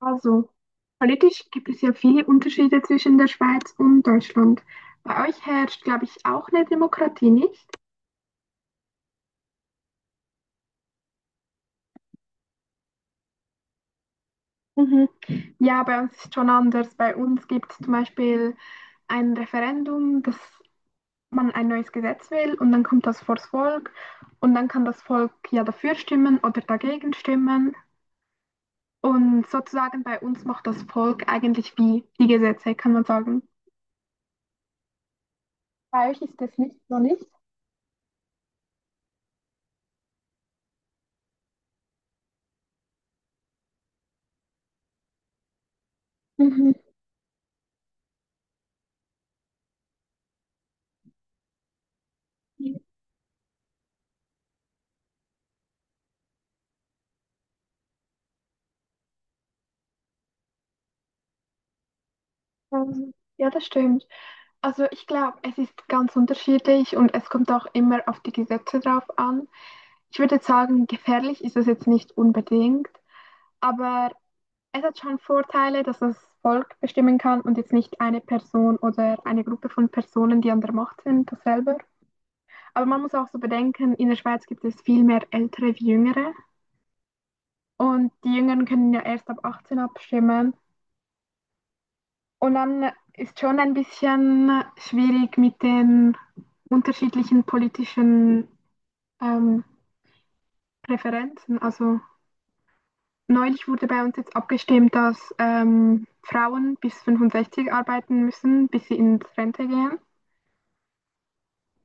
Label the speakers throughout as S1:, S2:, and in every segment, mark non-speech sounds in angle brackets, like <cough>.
S1: Also, politisch gibt es ja viele Unterschiede zwischen der Schweiz und Deutschland. Bei euch herrscht, glaube ich, auch eine Demokratie, nicht? Mhm. Ja, bei uns ist schon anders. Bei uns gibt es zum Beispiel ein Referendum, dass man ein neues Gesetz will, und dann kommt das vors Volk und dann kann das Volk ja dafür stimmen oder dagegen stimmen. Und sozusagen bei uns macht das Volk eigentlich wie die Gesetze, kann man sagen. Bei euch ist das nicht so, nicht? Mhm. Ja, das stimmt. Also ich glaube, es ist ganz unterschiedlich und es kommt auch immer auf die Gesetze drauf an. Ich würde jetzt sagen, gefährlich ist es jetzt nicht unbedingt, aber es hat schon Vorteile, dass das Volk bestimmen kann und jetzt nicht eine Person oder eine Gruppe von Personen, die an der Macht sind, das selber. Aber man muss auch so bedenken, in der Schweiz gibt es viel mehr Ältere wie Jüngere, und die Jüngeren können ja erst ab 18 abstimmen. Und dann ist schon ein bisschen schwierig mit den unterschiedlichen politischen ähm, Präferenzen. Also neulich wurde bei uns jetzt abgestimmt, dass Frauen bis 65 arbeiten müssen, bis sie ins Rente gehen.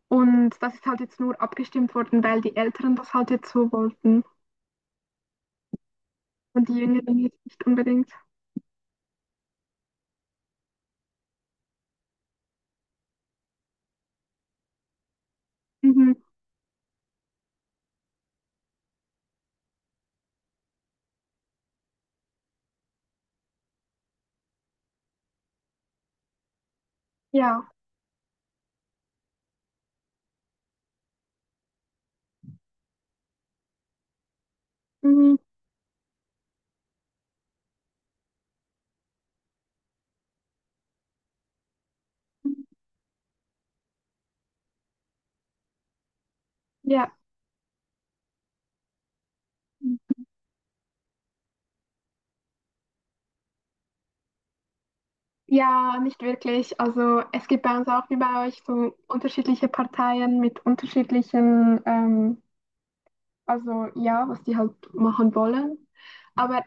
S1: Und das ist halt jetzt nur abgestimmt worden, weil die Älteren das halt jetzt so wollten und die Jüngeren jetzt nicht unbedingt. Mhm. Ja. Mhm. Ja. Ja, nicht wirklich. Also es gibt bei uns auch wie bei euch so unterschiedliche Parteien mit unterschiedlichen, also ja, was die halt machen wollen. Aber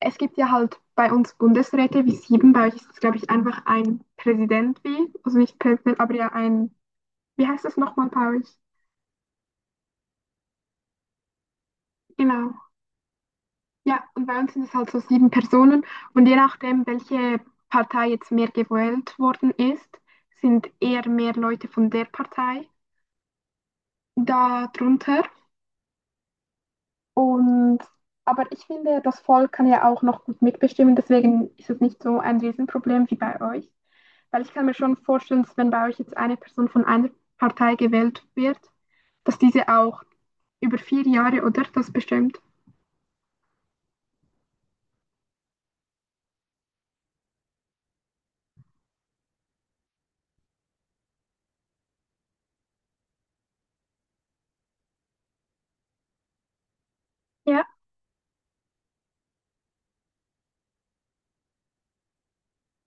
S1: es gibt ja halt bei uns Bundesräte wie sieben. Bei euch ist es, glaube ich, einfach ein Präsident wie, also nicht Präsident, aber ja ein, wie heißt das nochmal bei euch? Genau. Ja, und bei uns sind es halt so sieben Personen. Und je nachdem, welche Partei jetzt mehr gewählt worden ist, sind eher mehr Leute von der Partei darunter. Und aber ich finde, das Volk kann ja auch noch gut mitbestimmen, deswegen ist es nicht so ein Riesenproblem wie bei euch. Weil ich kann mir schon vorstellen, dass wenn bei euch jetzt eine Person von einer Partei gewählt wird, dass diese auch über vier Jahre, oder? Das bestimmt. Ja,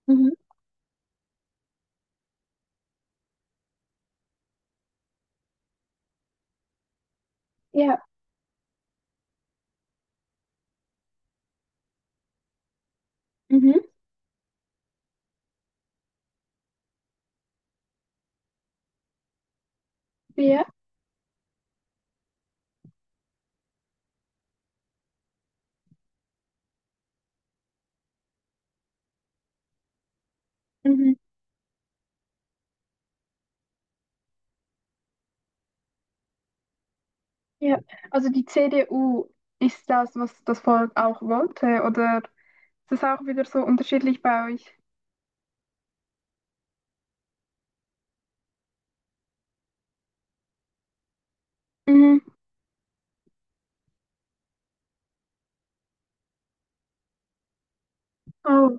S1: mhm. Ja, mhm. Ja, mhm. Ja. Also die CDU ist das, was das Volk auch wollte, oder ist es auch wieder so unterschiedlich bei euch? Mhm. Oh,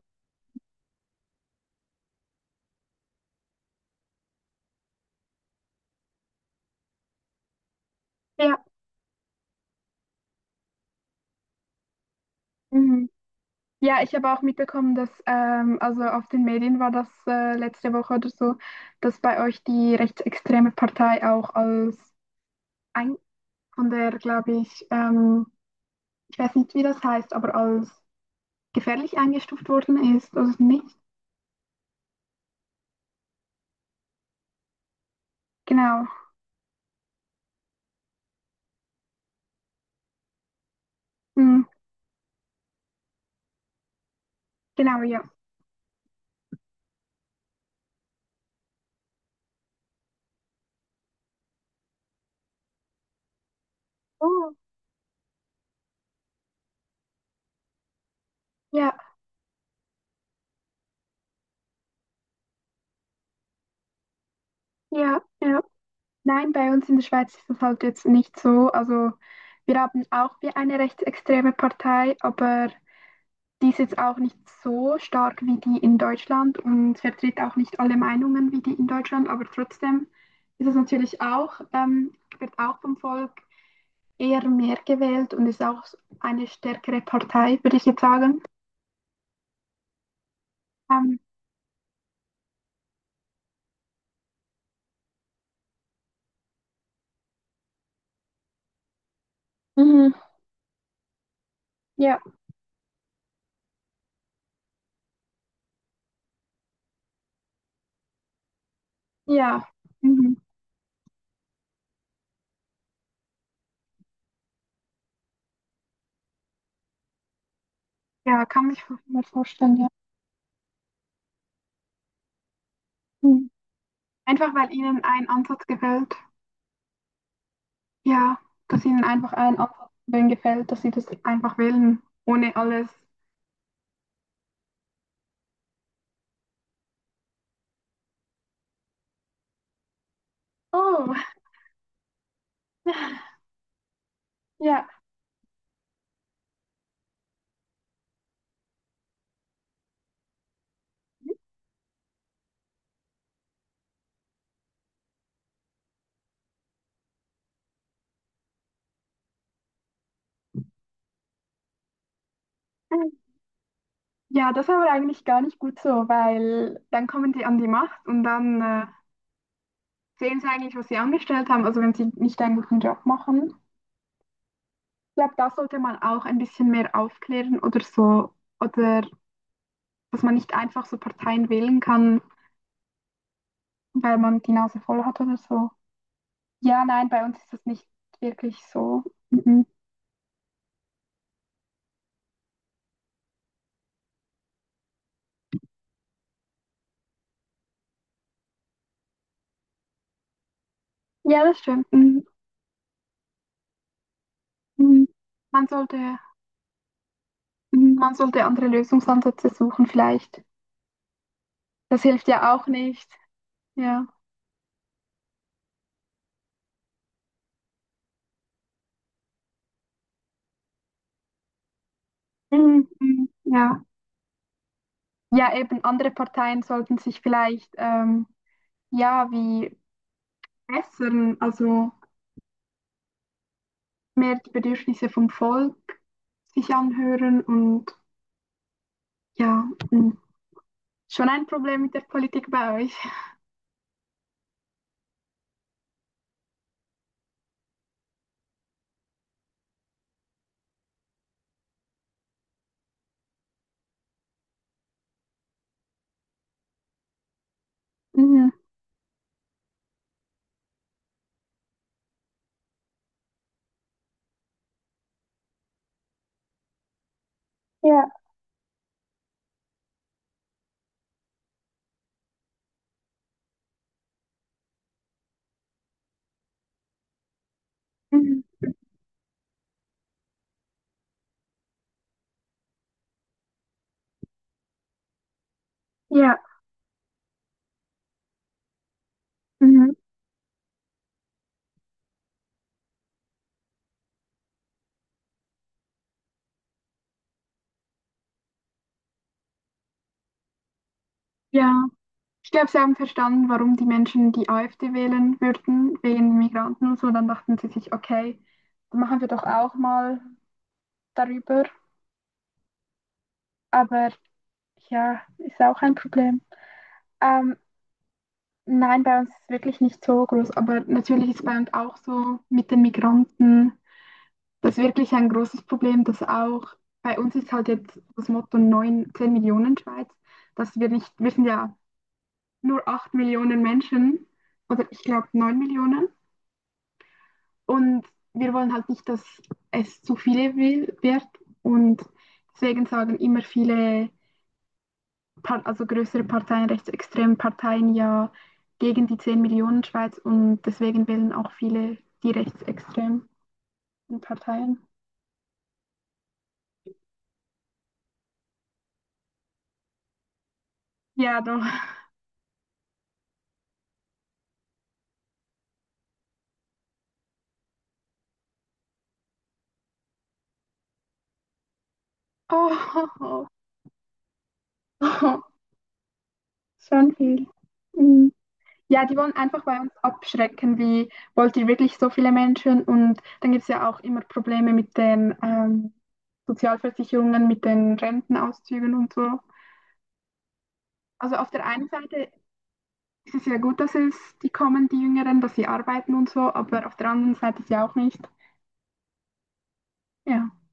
S1: ja. Mhm. Ja, ich habe auch mitbekommen, dass also auf den Medien war das letzte Woche oder so, dass bei euch die rechtsextreme Partei auch als ein von der, glaube ich, ich weiß nicht, wie das heißt, aber als gefährlich eingestuft worden ist, also nicht. Genau. Hm, genau, ja. Oh. Ja, ja, ja. Nein, bei uns in der Schweiz ist das halt jetzt nicht so. Also wir haben auch wie eine rechtsextreme Partei, aber die ist jetzt auch nicht so stark wie die in Deutschland und vertritt auch nicht alle Meinungen wie die in Deutschland, aber trotzdem ist es natürlich auch, wird auch vom Volk eher mehr gewählt und ist auch eine stärkere Partei, würde ich jetzt sagen. Ähm, Mhm. Ja. Ja, mhm. Ja, kann mich mal vorstellen, ja. Mhm. Einfach weil ihnen ein Ansatz gefällt. Ja, dass ihnen einfach ein Ansatz wählen gefällt, dass sie das einfach wählen, ohne alles. Oh, ja. Ja, das ist aber eigentlich gar nicht gut so, weil dann kommen die an die Macht und dann sehen sie eigentlich, was sie angestellt haben, also wenn sie nicht einen guten Job machen. Ich glaube, da sollte man auch ein bisschen mehr aufklären oder so, oder dass man nicht einfach so Parteien wählen kann, weil man die Nase voll hat oder so. Ja, nein, bei uns ist das nicht wirklich so. Mhm. Ja, das stimmt. Mhm. Mhm. Man sollte, mhm, man sollte andere Lösungsansätze suchen vielleicht. Das hilft ja auch nicht. Ja. Mhm. Mhm. Ja. Ja, eben andere Parteien sollten sich vielleicht ja wie bessern, also mehr die Bedürfnisse vom Volk sich anhören und ja, mm, schon ein Problem mit der Politik bei euch. Mhm. Ja. Mhm. Ja, mhm. Ja. Ich glaube, sie haben verstanden, warum die Menschen die AfD wählen würden, wegen Migranten und so. Dann dachten sie sich, okay, machen wir doch auch mal darüber. Aber ja, ist auch ein Problem. Ähm, Nein, bei uns ist es wirklich nicht so groß, aber natürlich ist bei uns auch so mit den Migranten, das ist wirklich ein großes Problem, dass auch bei uns ist halt jetzt das Motto 9, 10 Millionen Schweiz, dass wir nicht, wir sind ja nur 8 Millionen Menschen oder ich glaube 9 Millionen, und wir wollen halt nicht, dass es zu viele wird, und deswegen sagen immer viele, also größere Parteien, rechtsextreme Parteien ja gegen die 10 Millionen Schweiz, und deswegen wählen auch viele die rechtsextremen Parteien. Ja, doch. <laughs> Oh, oh, oh. Oh, schon viel. Mhm. Ja, die wollen einfach bei uns abschrecken, wie wollt ihr wirklich so viele Menschen? Und dann gibt es ja auch immer Probleme mit den Sozialversicherungen, mit den Rentenauszügen und so. Also auf der einen Seite es ist ja gut, dass es die kommen, die Jüngeren, dass sie arbeiten und so, aber auf der anderen Seite ist ja auch nicht. Ja.